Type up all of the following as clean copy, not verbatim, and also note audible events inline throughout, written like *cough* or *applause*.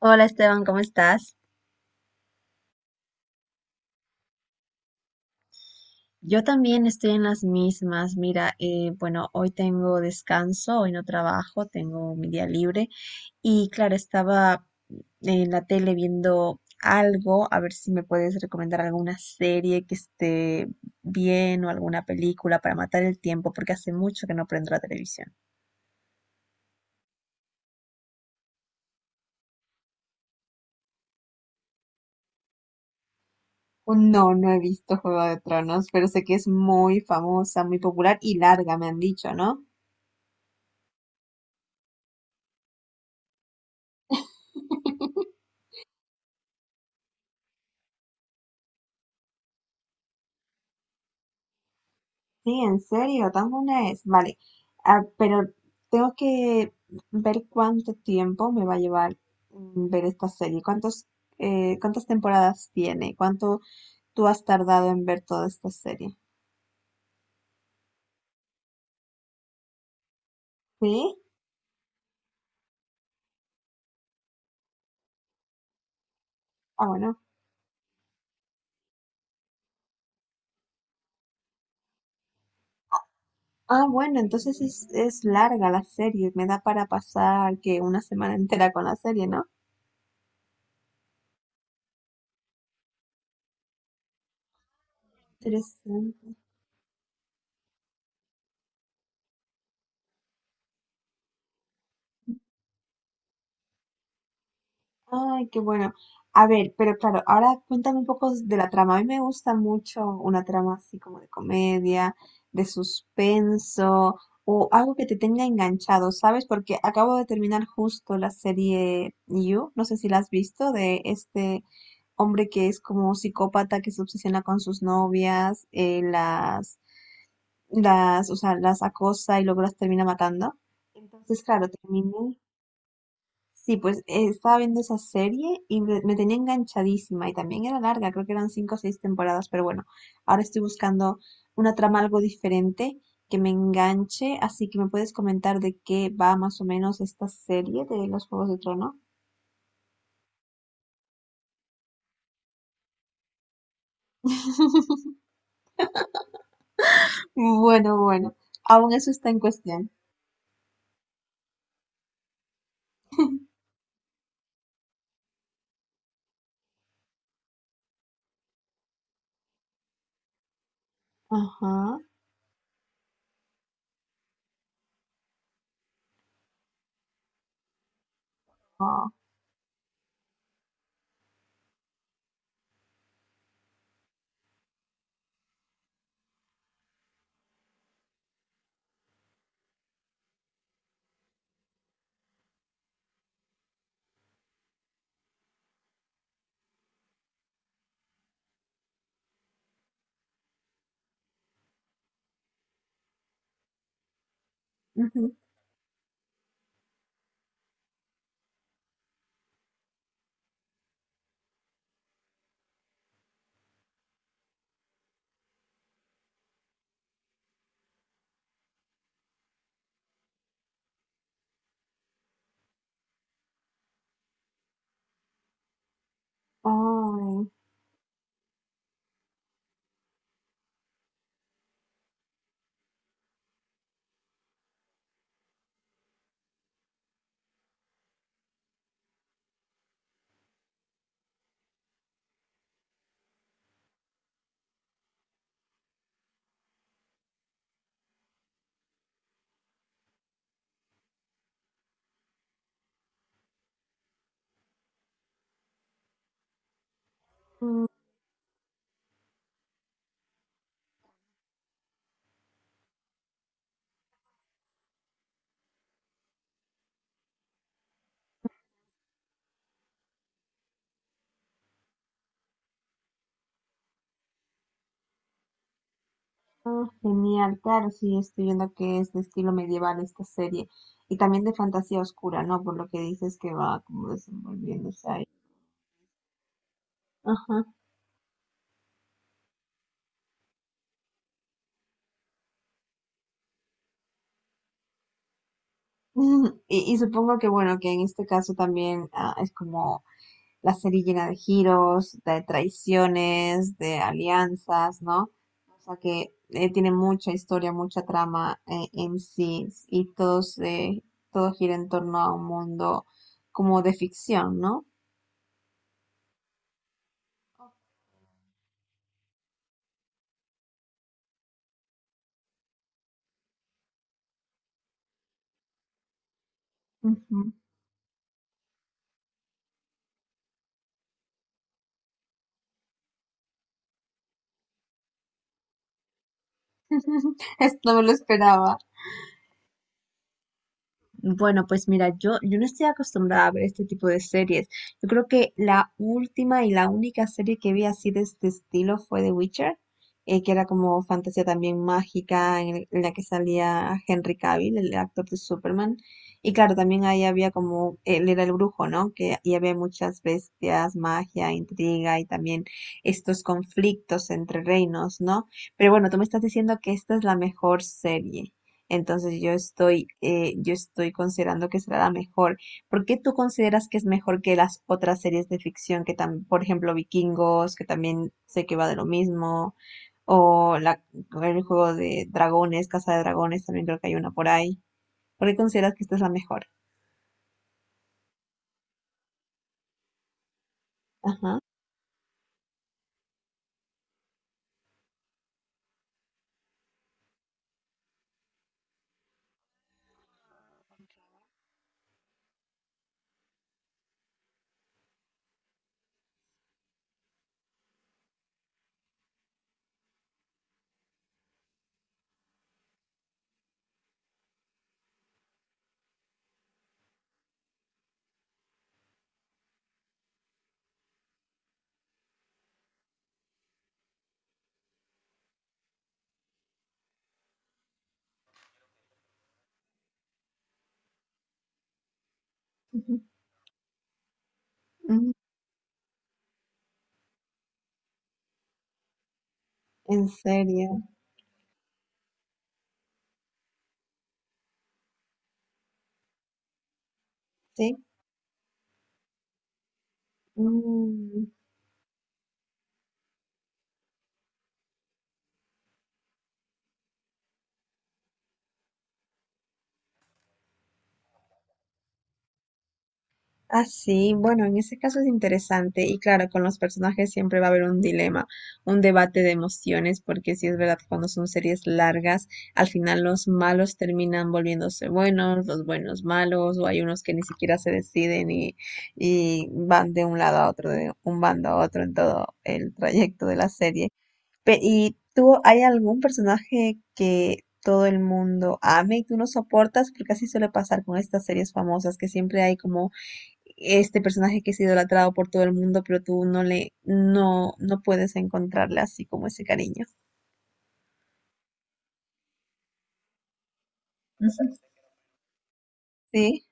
Hola Esteban, ¿cómo estás? Yo también estoy en las mismas. Mira, hoy tengo descanso, hoy no trabajo, tengo mi día libre y claro, estaba en la tele viendo algo, a ver si me puedes recomendar alguna serie que esté bien o alguna película para matar el tiempo, porque hace mucho que no prendo la televisión. Oh, no, no he visto Juego de Tronos, pero sé que es muy famosa, muy popular y larga, me han dicho, ¿no? Sí, en serio, ¿tan buena es? Vale. Ah, pero tengo que ver cuánto tiempo me va a llevar ver esta serie, cuántos, cuántas temporadas tiene, cuánto tú has tardado en ver toda esta serie. ¿Sí? Ah, bueno. Ah, bueno, entonces es larga la serie, me da para pasar que una semana entera con la serie, ¿no? Interesante. Ay, qué bueno. A ver, pero claro, ahora cuéntame un poco de la trama. A mí me gusta mucho una trama así como de comedia, de suspenso o algo que te tenga enganchado, ¿sabes? Porque acabo de terminar justo la serie You, no sé si la has visto, de este hombre que es como un psicópata que se obsesiona con sus novias, las acosa y luego las termina matando. Entonces, claro, terminé. Sí, pues estaba viendo esa serie y me tenía enganchadísima y también era larga, creo que eran cinco o seis temporadas, pero bueno, ahora estoy buscando una trama algo diferente que me enganche, así que me puedes comentar de qué va más o menos esta serie de los Juegos de Trono. *laughs* Bueno, bueno, aún eso está en cuestión. Ajá. Ah, ujú. Ay. Ah, genial, claro, sí, estoy viendo que es de estilo medieval esta serie y también de fantasía oscura, ¿no? Por lo que dices que va como desenvolviéndose ahí. Ajá. *laughs* Y supongo que, bueno, que en este caso también es como la serie llena de giros, de traiciones, de alianzas, ¿no? O sea que tiene mucha historia, mucha trama, en sí y todos, todo gira en torno a un mundo como de ficción, ¿no? Ujú. *laughs* Esto no me lo esperaba. Bueno, pues mira, yo no estoy acostumbrada a ver este tipo de series. Yo creo que la última y la única serie que vi así de este estilo fue The Witcher, que era como fantasía también mágica, en la que salía Henry Cavill, el actor de Superman. Y claro, también ahí había como, él era el brujo, ¿no? Que y había muchas bestias, magia, intriga y también estos conflictos entre reinos, ¿no? Pero bueno, tú me estás diciendo que esta es la mejor serie. Entonces yo estoy considerando que será la mejor. ¿Por qué tú consideras que es mejor que las otras series de ficción que también, por ejemplo, Vikingos, que también sé que va de lo mismo, o la, el juego de dragones, Casa de Dragones, también creo que hay una por ahí? ¿Por qué consideras que esta es la mejor? Ajá. Ujú. Mm, ¿en serio? Sí. Mm. Ah, sí, bueno, en ese caso es interesante y claro, con los personajes siempre va a haber un dilema, un debate de emociones, porque sí es verdad que cuando son series largas, al final los malos terminan volviéndose buenos, los buenos malos, o hay unos que ni siquiera se deciden y van de un lado a otro, de un bando a otro en todo el trayecto de la serie. Pe- ¿y tú, hay algún personaje que todo el mundo ame y tú no soportas? Porque así suele pasar con estas series famosas que siempre hay como este personaje que es idolatrado por todo el mundo, pero tú no no puedes encontrarle así como ese cariño. Ujú. Sí,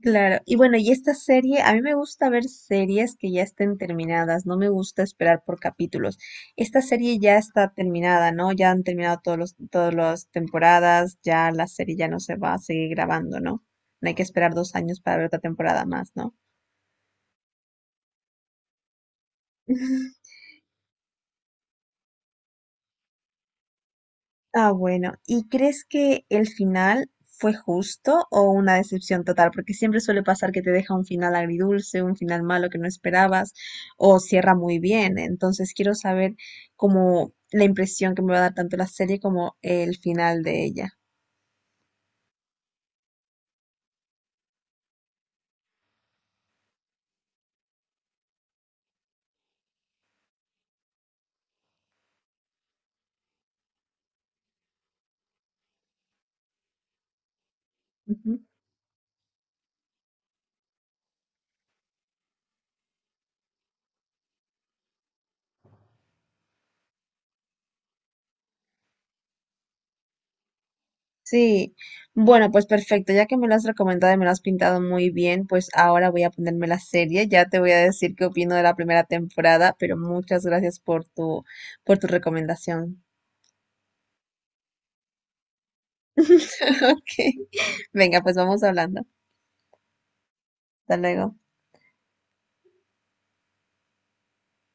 claro. Y bueno, y esta serie, a mí me gusta ver series que ya estén terminadas, no me gusta esperar por capítulos. Esta serie ya está terminada, ¿no? Ya han terminado todas las temporadas, ya la serie ya no se va a seguir grabando, ¿no? No hay que esperar 2 años para ver otra temporada más, ¿no? *laughs* Ah, bueno. ¿Y crees que el final fue justo o una decepción total? Porque siempre suele pasar que te deja un final agridulce, un final malo que no esperabas, o cierra muy bien. Entonces quiero saber como la impresión que me va a dar tanto la serie como el final de ella. Ujú. Sí, bueno, pues perfecto, ya que me lo has recomendado y me lo has pintado muy bien, pues ahora voy a ponerme la serie, ya te voy a decir qué opino de la primera temporada, pero muchas gracias por tu recomendación. *laughs* Ok. Venga, pues vamos hablando. Hasta luego.